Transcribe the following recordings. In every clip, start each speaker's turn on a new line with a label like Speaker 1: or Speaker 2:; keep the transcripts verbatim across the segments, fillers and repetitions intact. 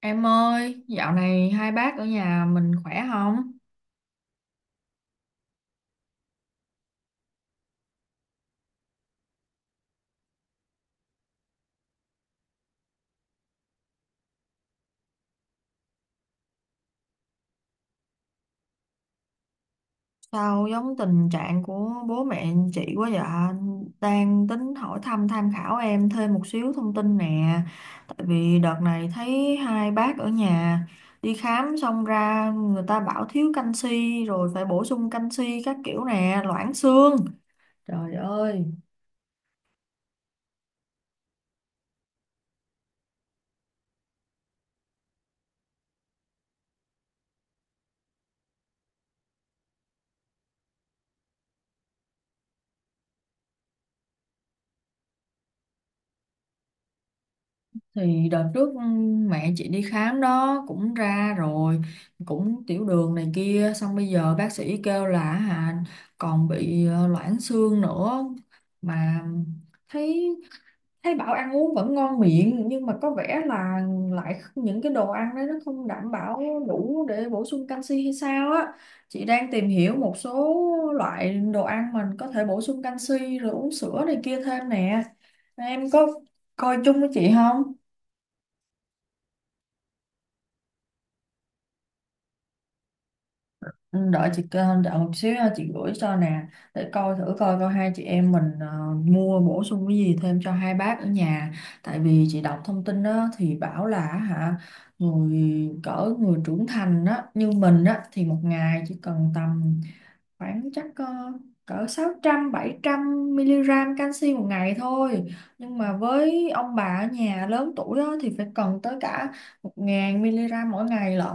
Speaker 1: Em ơi, dạo này hai bác ở nhà mình khỏe không? Sao giống tình trạng của bố mẹ chị quá vậy? Đang tính hỏi thăm tham khảo em thêm một xíu thông tin nè. Tại vì đợt này thấy hai bác ở nhà đi khám xong ra người ta bảo thiếu canxi rồi phải bổ sung canxi các kiểu nè, loãng xương. Trời ơi, thì đợt trước ừm, mẹ chị đi khám đó cũng ra rồi, cũng tiểu đường này kia, xong bây giờ bác sĩ kêu là hà còn bị ờ, loãng xương nữa, mà thấy thấy bảo ăn uống vẫn ngon miệng nhưng mà có vẻ là lại những cái đồ ăn đấy nó không đảm bảo đủ để bổ sung canxi hay sao á. Chị đang tìm hiểu một số loại đồ ăn mình có thể bổ sung canxi rồi uống sữa này kia thêm nè, em có coi chung với chị không? Ừ, đợi chị kêu- đợi một xíu ha, chị gửi cho nè để coi thử coi coi hai chị em mình ờ, mua bổ sung cái gì thêm cho hai bác ở nhà. Tại vì chị đọc thông tin đó, thì bảo là hả người, cỡ người trưởng thành đó như mình á thì một ngày chỉ cần tầm khoảng chắc ờ, cỡ sáu trăm bảy trăm mi li gam canxi một ngày thôi, nhưng mà với ông bà ở nhà lớn tuổi đó thì phải cần tới cả một nghìn mg mỗi ngày lận.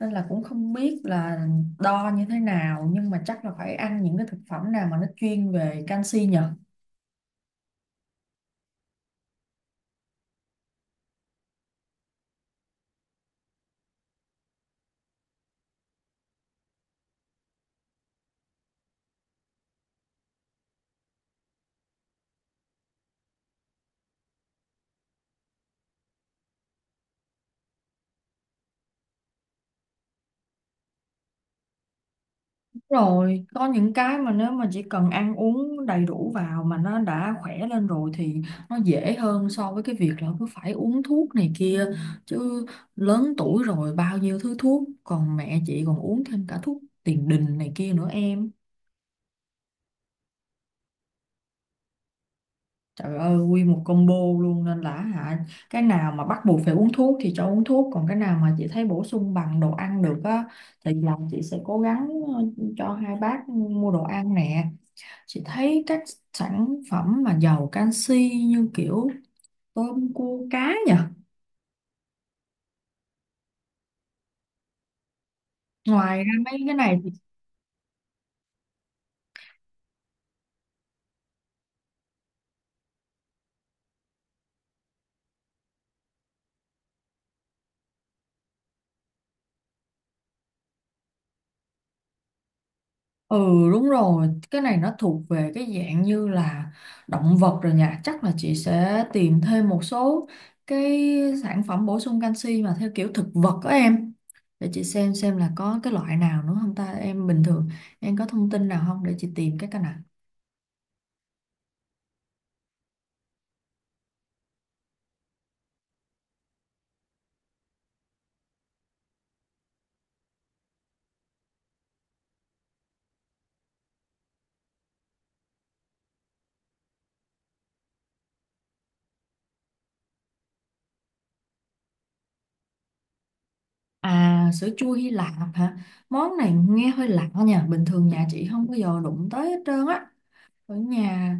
Speaker 1: Nên là cũng không biết là đo như thế nào, nhưng mà chắc là phải ăn những cái thực phẩm nào mà nó chuyên về canxi nhỉ. Rồi có những cái mà nếu mà chỉ cần ăn uống đầy đủ vào mà nó đã khỏe lên rồi thì nó dễ hơn so với cái việc là cứ phải uống thuốc này kia chứ. Lớn tuổi rồi bao nhiêu thứ thuốc, còn mẹ chị còn uống thêm cả thuốc tiền đình này kia nữa em. Trời ơi, nguyên một combo luôn, nên là hả cái nào mà bắt buộc phải uống thuốc thì cho uống thuốc, còn cái nào mà chị thấy bổ sung bằng đồ ăn được á thì là chị sẽ cố gắng ờ, cho hai bác mua đồ ăn nè. Chị thấy các sản phẩm mà giàu canxi như kiểu tôm cua cá nhỉ. Ngoài ra mấy cái này thì- ừ, đúng rồi, cái này nó thuộc về cái dạng như là động vật rồi nhỉ. Chắc là chị sẽ tìm thêm một số cái sản phẩm bổ sung canxi mà theo kiểu thực vật đó em. Để chị xem xem là có cái loại nào nữa không ta. Em bình thường em có thông tin nào không để chị tìm cái cái nào. À, sữa chua Hy Lạp hả? Món này nghe hơi lạ nha, bình thường nhà chị không bao giờ đụng tới hết trơn á. Ở nhà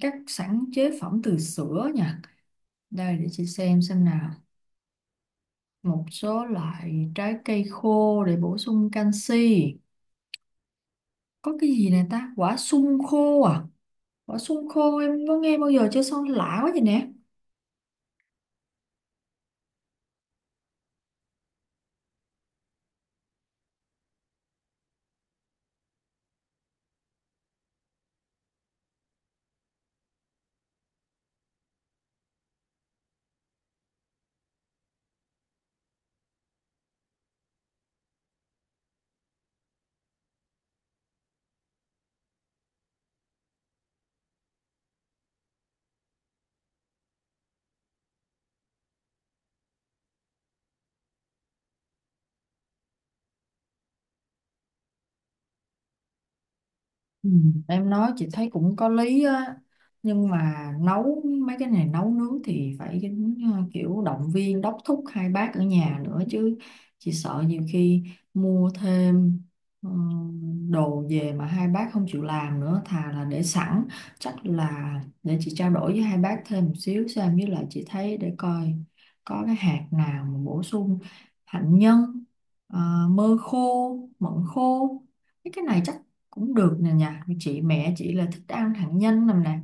Speaker 1: các sản chế phẩm từ sữa nha. Đây để chị xem xem nào. Một số loại trái cây khô để bổ sung canxi. Có cái gì nè ta? Quả sung khô à? Quả sung khô em có nghe bao giờ chưa, sao lạ quá vậy nè. Ừ, em nói chị thấy cũng có lý á, nhưng mà nấu mấy cái này nấu nướng thì phải ờ, kiểu động viên đốc thúc hai bác ở nhà nữa chứ. Chị sợ nhiều khi mua thêm ừ, đồ về mà hai bác không chịu làm nữa thà là để sẵn. Chắc là để chị trao đổi với hai bác thêm một xíu xem, với lại chị thấy để coi có cái hạt nào mà bổ sung, hạnh nhân, ờ, mơ khô, mận khô, cái cái này chắc cũng được nè. Nhà chị mẹ chị là thích ăn hạt nhân nằm nè,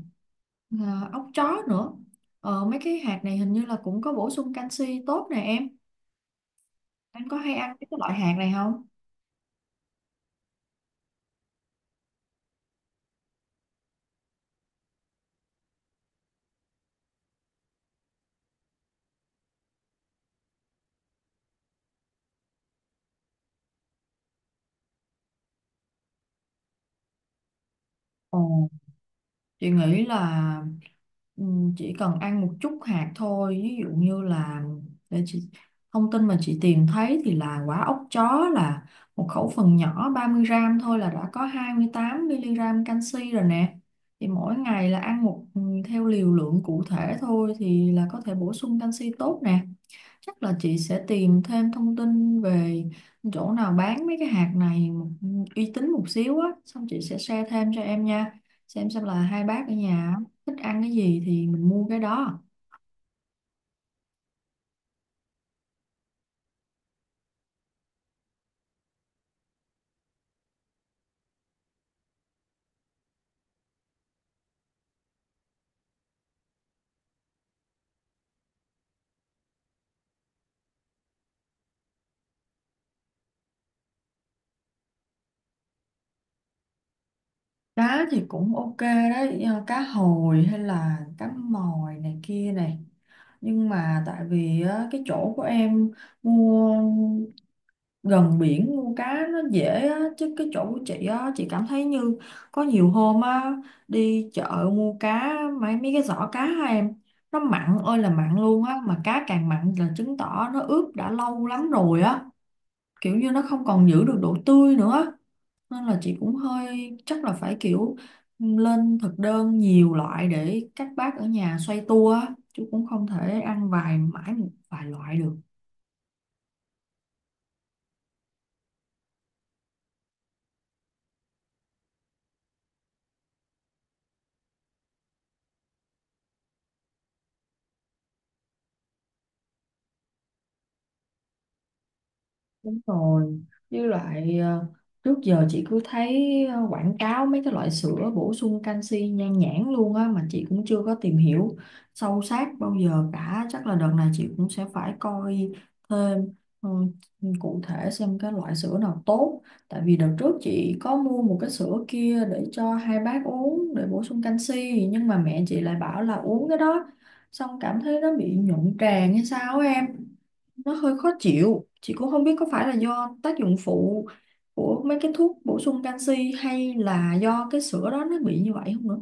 Speaker 1: à, ốc chó nữa. Ờ, mấy cái hạt này hình như là cũng có bổ sung canxi tốt nè em, anh có hay ăn cái loại hạt này không? Ồ. Chị nghĩ là ừm, chỉ cần ăn một chút hạt thôi, ví dụ như là để chị, thông tin mà chị tìm thấy thì là quả ốc chó là một khẩu phần nhỏ ba mươi gram thôi là đã có hai mươi tám mi li gam canxi rồi nè. Thì mỗi ngày là ăn một, ừm, theo liều lượng cụ thể thôi thì là có thể bổ sung canxi tốt nè. Chắc là chị sẽ tìm thêm thông tin về chỗ nào bán mấy cái hạt này một, uy tín một xíu á, xong chị sẽ share thêm cho em nha. Xem xem là hai bác ở nhà thích ăn cái gì thì mình mua cái đó. Cá thì cũng ok đấy, ờ, cá hồi hay là cá mòi này kia này. Nhưng mà tại vì á, cái chỗ của em mua gần biển mua cá nó dễ á, chứ cái chỗ của chị á, chị cảm thấy như có nhiều hôm á, đi chợ mua cá, mấy mấy cái giỏ cá á em, nó mặn ơi là mặn luôn á, mà cá càng mặn là chứng tỏ nó ướp đã lâu lắm rồi á, kiểu như nó không còn giữ được độ tươi nữa. Nên là chị cũng hơi, chắc là phải kiểu lên thực đơn nhiều loại để các bác ở nhà xoay tua á, chứ cũng không thể ăn vài mãi một vài loại được. Đúng rồi, với lại ờ, trước giờ chị cứ thấy ờ, quảng cáo mấy cái loại sữa bổ sung canxi nhan nhản luôn á, mà chị cũng chưa có tìm hiểu sâu sát bao giờ cả. Chắc là đợt này chị cũng sẽ phải coi thêm, ừ, cụ thể xem cái loại sữa nào tốt. Tại vì đợt trước chị có mua một cái sữa kia để cho hai bác uống để bổ sung canxi, nhưng mà mẹ chị lại bảo là uống cái đó xong cảm thấy nó bị nhuận tràng hay sao á em, nó hơi khó chịu. Chị cũng không biết có phải là do tác dụng phụ của mấy cái thuốc bổ sung canxi hay là do cái sữa đó nó bị như vậy không nữa.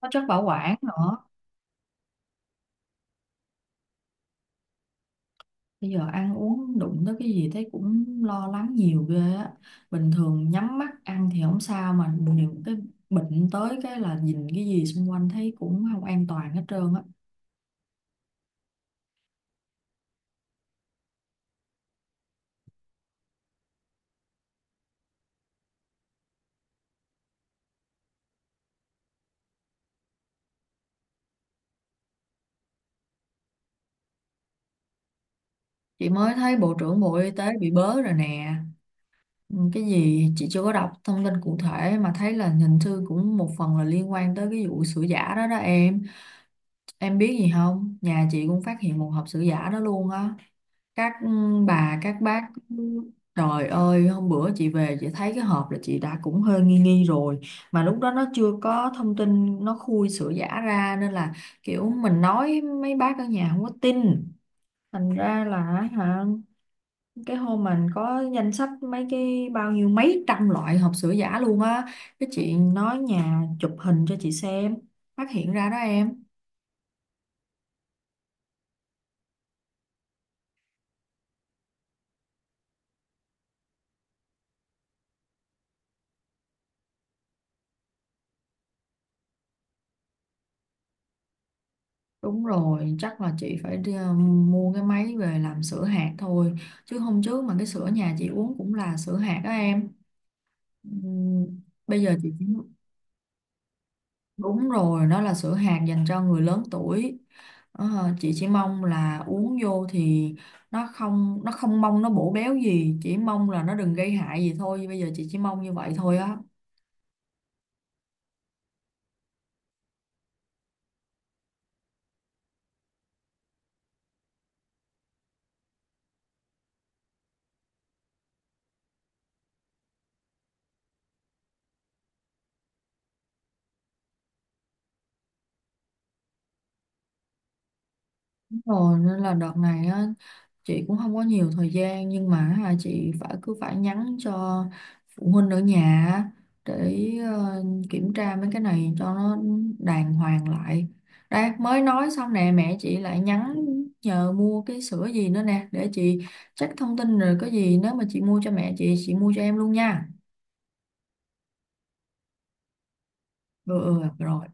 Speaker 1: Có chất bảo quản nữa. Bây giờ ăn uống đụng tới cái gì thấy cũng lo lắng nhiều ghê á, bình thường nhắm mắt ăn thì không sao mà những cái bệnh tới cái là nhìn cái gì xung quanh thấy cũng không an toàn hết trơn á. Chị mới thấy Bộ trưởng Bộ Y tế bị bớ rồi nè. Ừ, cái gì chị chưa có đọc thông tin cụ thể, mà thấy là hình như cũng một phần là liên quan tới cái vụ sữa giả đó đó em. Em biết gì không, nhà chị cũng phát hiện một hộp sữa giả đó luôn á, các ừ, bà các bác. Trời ơi hôm bữa chị về chị thấy cái hộp là chị đã cũng hơi nghi nghi rồi, mà lúc đó nó chưa có thông tin nó khui sữa giả ra nên là kiểu mình nói mấy bác ở nhà không có tin, thành ra là hả cái hôm mình có danh sách mấy cái bao nhiêu mấy trăm loại hộp sữa giả luôn á, cái chị nói nhà chụp hình cho chị xem, phát hiện ra đó em. Đúng rồi, chắc là chị phải đi, ờ, mua cái máy về làm sữa hạt thôi, chứ hôm trước mà cái sữa nhà chị uống cũng là sữa hạt đó em. Ừm, bây giờ chị chỉ. Đúng rồi, nó là sữa hạt dành cho người lớn tuổi. Ờ, chị chỉ mong là uống vô thì nó không, nó không mong nó bổ béo gì, chỉ mong là nó đừng gây hại gì thôi. Bây giờ chị chỉ mong như vậy thôi á. Rồi nên là đợt này á, chị cũng không có nhiều thời gian nhưng mà hả, chị phải cứ phải nhắn cho phụ huynh ở nhà á, để ờ, kiểm tra mấy cái này cho nó đàng hoàng lại. Đây mới nói xong nè mẹ chị lại nhắn nhờ mua cái sữa gì nữa nè, để chị check thông tin rồi có gì nếu mà chị mua cho mẹ chị chị mua cho em luôn nha. Ừ, ừ rồi.